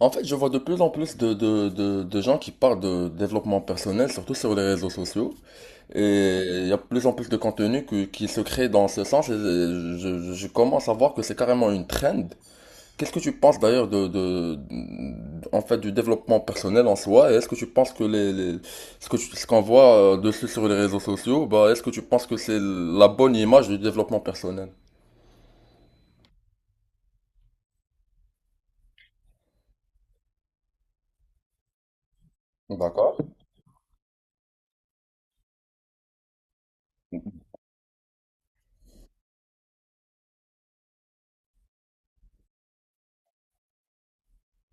En fait, je vois de plus en plus de gens qui parlent de développement personnel, surtout sur les réseaux sociaux. Et il y a de plus en plus de contenu qui se crée dans ce sens. Et je commence à voir que c'est carrément une trend. Qu'est-ce que tu penses d'ailleurs en fait, du développement personnel en soi? Et est-ce que tu penses que ce ce qu'on voit dessus sur les réseaux sociaux, bah, est-ce que tu penses que c'est la bonne image du développement personnel? D'accord.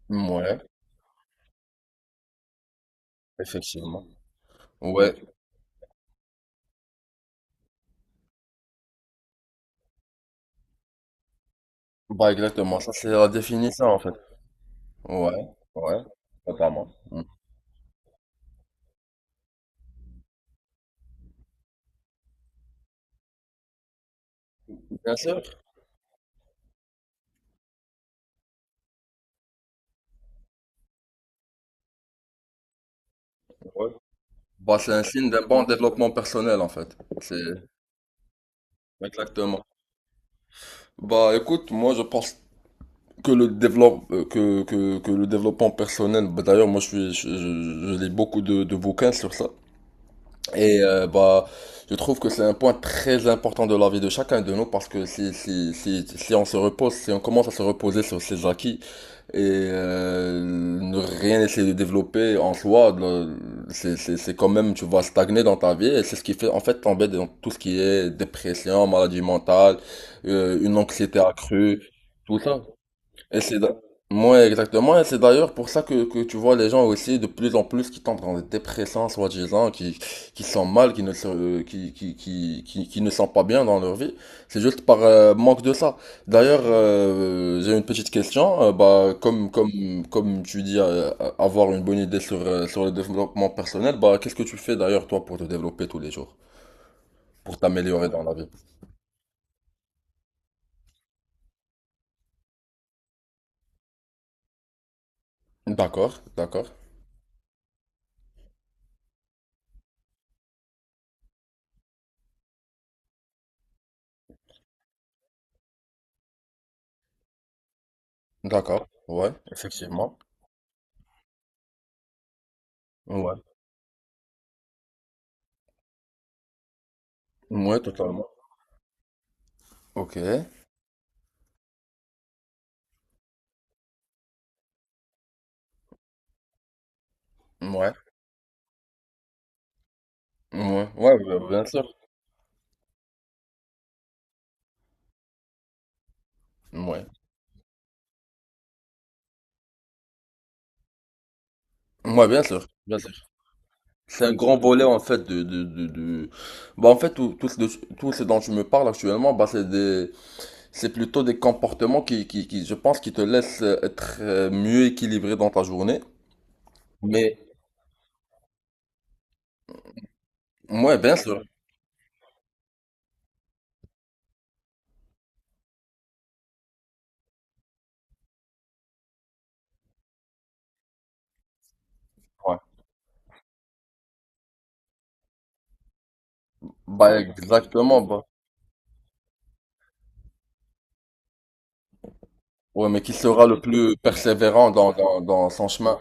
Ouais, effectivement. Ouais, bah exactement. Ça, c'est la définition, en fait. Ouais, ouais, totalement. Mm. Bien sûr. Ouais. Bah, c'est un signe d'un bon développement personnel en fait. C'est exactement. Bah écoute, moi je pense que le développe que, que le développement personnel, bah, d'ailleurs moi je suis je lis beaucoup de bouquins sur ça et bah je trouve que c'est un point très important de la vie de chacun de nous parce que si on se repose, si on commence à se reposer sur ses acquis et ne rien essayer de développer en soi, c'est quand même, tu vas stagner dans ta vie et c'est ce qui fait en fait tomber dans tout ce qui est dépression, maladie mentale, une anxiété accrue, tout ça. Et moi exactement, et c'est d'ailleurs pour ça que tu vois les gens aussi de plus en plus qui tombent dans des dépressions soi-disant, qui sont mal, qui ne se, qui ne sont pas bien dans leur vie. C'est juste par manque de ça. D'ailleurs, j'ai une petite question. Bah, comme tu dis, avoir une bonne idée sur, sur le développement personnel, bah, qu'est-ce que tu fais d'ailleurs toi pour te développer tous les jours, pour t'améliorer dans la vie? D'accord, d'accord, d'accord. Ouais, effectivement. Ouais. Ouais, totalement. Ok. Ouais. Ouais. Ouais, bah, bien sûr. Ouais. Ouais, bien sûr. Bien sûr. C'est un grand volet en fait Bah en fait tout ce dont je me parle actuellement, bah c'est plutôt des comportements qui je pense qui te laissent être mieux équilibré dans ta journée. Mais ouais, bien sûr. Ouais. Bah exactement, bah. Ouais, mais qui sera le plus persévérant dans son chemin?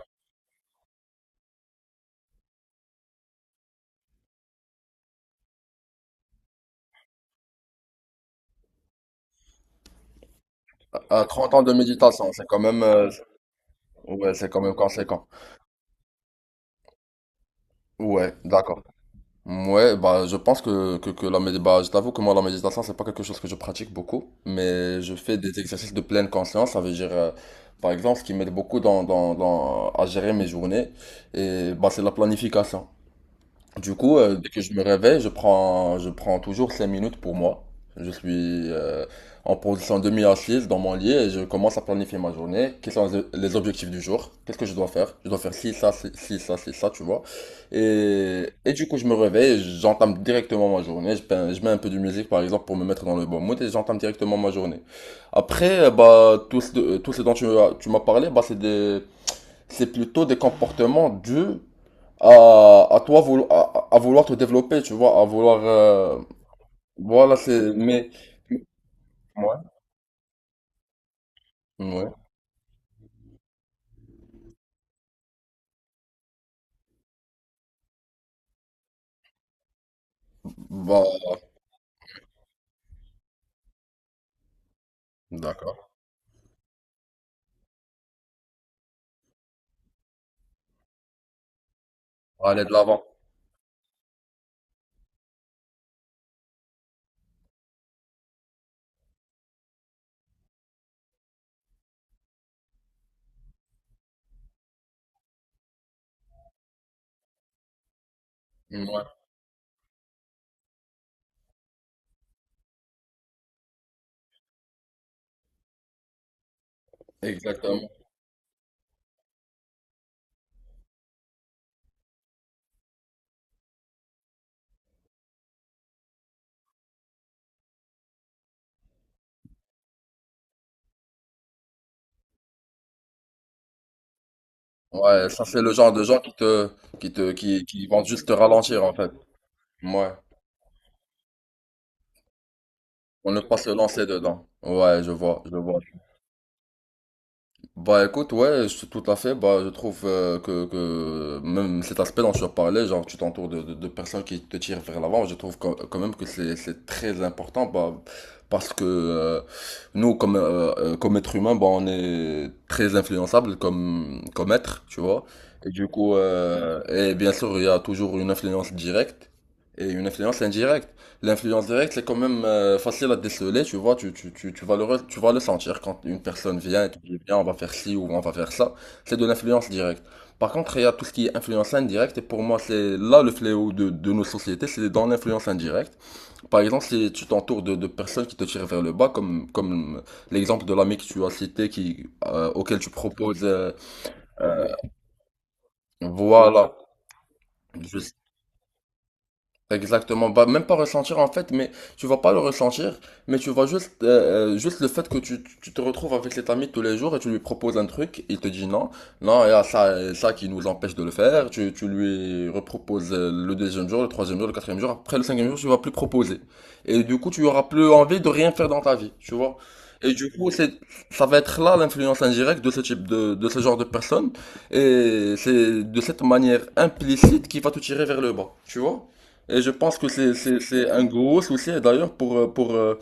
À 30 ans de méditation, c'est quand même ouais, c'est quand même conséquent. Ouais, d'accord. Ouais, bah, je pense que la méditation, bah, je t'avoue que moi, la méditation, c'est pas quelque chose que je pratique beaucoup, mais je fais des exercices de pleine conscience, ça veut dire, par exemple, ce qui m'aide beaucoup à gérer mes journées, et bah, c'est la planification. Du coup, dès que je me réveille, je prends toujours 5 minutes pour moi. Je suis en position demi-assise dans mon lit et je commence à planifier ma journée. Quels sont les objectifs du jour? Qu'est-ce que je dois faire? Je dois faire ci, ça, tu vois. Et du coup, je me réveille, j'entame directement ma journée. Je mets un peu de musique, par exemple, pour me mettre dans le bon mood et j'entame directement ma journée. Après, bah, tout ce dont tu m'as parlé, bah, c'est des, c'est plutôt des comportements dus à toi à vouloir te développer, tu vois, à vouloir voilà c'est mais ouais ouais bah d'accord aller de l'avant ouais exactement ouais ça c'est le genre de gens qui te qui vont juste te ralentir en fait ouais on ne pas se lancer dedans ouais je vois. Bah écoute, ouais, tout à fait. Bah je trouve que même cet aspect dont tu as parlé genre tu t'entoures de personnes qui te tirent vers l'avant, je trouve quand même que c'est très important, bah parce que nous comme comme être humain, bah on est très influençable comme être, tu vois. Et du coup, et bien sûr, il y a toujours une influence directe et une influence indirecte. L'influence directe, c'est quand même facile à déceler, tu vois, tu vas tu vas le sentir quand une personne vient et te dit, viens, on va faire ci ou on va faire ça. C'est de l'influence directe. Par contre, il y a tout ce qui est influence indirecte, et pour moi, c'est là le fléau de nos sociétés, c'est dans l'influence indirecte. Par exemple, si tu t'entoures de personnes qui te tirent vers le bas, comme l'exemple de l'ami que tu as cité, qui, auquel tu proposes, euh, voilà, je. Exactement, bah même pas ressentir en fait, mais tu vas pas le ressentir, mais tu vas juste juste le fait que tu te retrouves avec cet ami tous les jours et tu lui proposes un truc, il te dit non, non, il y a ça et ça qui nous empêche de le faire, tu lui reproposes le deuxième jour, le troisième jour, le quatrième jour, après le cinquième jour, tu vas plus proposer. Et du coup, tu auras plus envie de rien faire dans ta vie, tu vois. Et du coup, c'est ça va être là l'influence indirecte de ce type de ce genre de personne et c'est de cette manière implicite qui va te tirer vers le bas, tu vois. Et je pense que c'est un gros souci, et d'ailleurs, pour,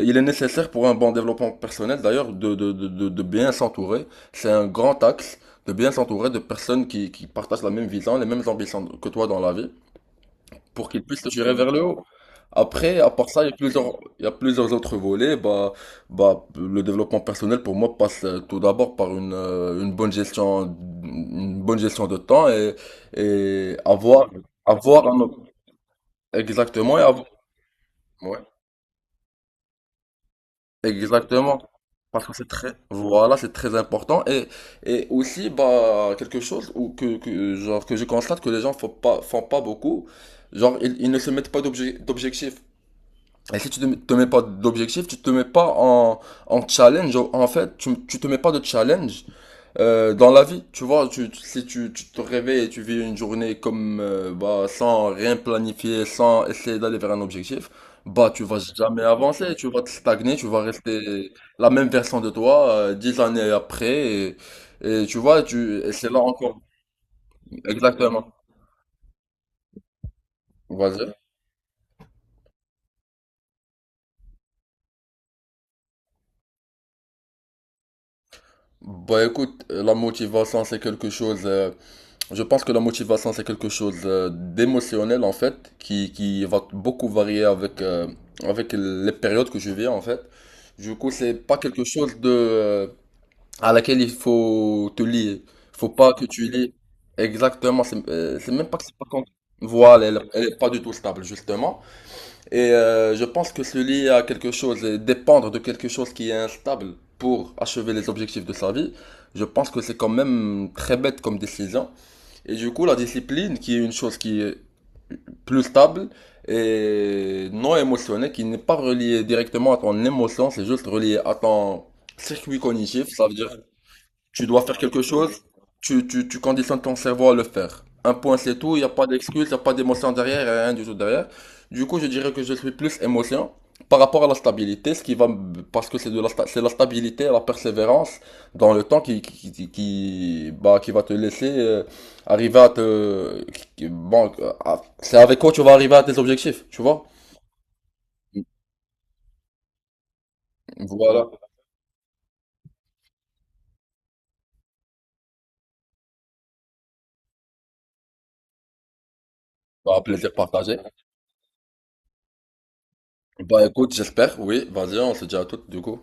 il est nécessaire pour un bon développement personnel, d'ailleurs, de bien s'entourer. C'est un grand axe de bien s'entourer de personnes qui partagent la même vision, les mêmes ambitions que toi dans la vie, pour qu'ils puissent te tirer vers le haut. Après, à part ça, il y a plusieurs autres volets. Bah, le développement personnel, pour moi, passe tout d'abord par une bonne gestion de temps et avoir, avoir exactement, et ouais, exactement. Parce que c'est très, voilà, c'est très important. Et aussi, bah, quelque chose où genre, que je constate que les gens font pas beaucoup. Genre, ils ne se mettent pas d'objectifs. Et si te mets pas d'objectifs, tu te mets pas en, en challenge. En fait, tu te mets pas de challenge. Dans la vie, tu vois, si tu, tu te réveilles et tu vis une journée comme bah, sans rien planifier, sans essayer d'aller vers un objectif, bah tu vas jamais avancer, tu vas te stagner, tu vas rester la même version de toi dix années après et tu vois, tu et c'est là encore exactement. Vas-y. Bah écoute, la motivation c'est quelque chose. Je pense que la motivation, c'est quelque chose d'émotionnel en fait, qui va beaucoup varier avec, avec les périodes que je vis en fait. Du coup, c'est pas quelque chose à laquelle il faut te lier. Faut pas que tu lies. Exactement, c'est même pas que c'est pas con- voilà, elle, elle est pas du tout stable justement. Et je pense que se lier à quelque chose et dépendre de quelque chose qui est instable pour achever les objectifs de sa vie, je pense que c'est quand même très bête comme décision. Et du coup, la discipline, qui est une chose qui est plus stable et non émotionnelle, qui n'est pas reliée directement à ton émotion, c'est juste relié à ton circuit cognitif. Ça veut dire tu dois faire quelque chose, tu conditionnes ton cerveau à le faire. Un point, c'est tout, il n'y a pas d'excuse, il n'y a pas d'émotion derrière, il y a rien du tout derrière. Du coup, je dirais que je suis plus émotion par rapport à la stabilité, ce qui va, parce que c'est de la, c'est la stabilité, la persévérance dans le temps bah, qui va te laisser arriver à te, qui- bon, à- c'est avec quoi tu vas arriver à tes objectifs, tu vois? Voilà, bah, plaisir partagé. Bah écoute, j'espère, oui, vas-y, on se dit à toutes du coup.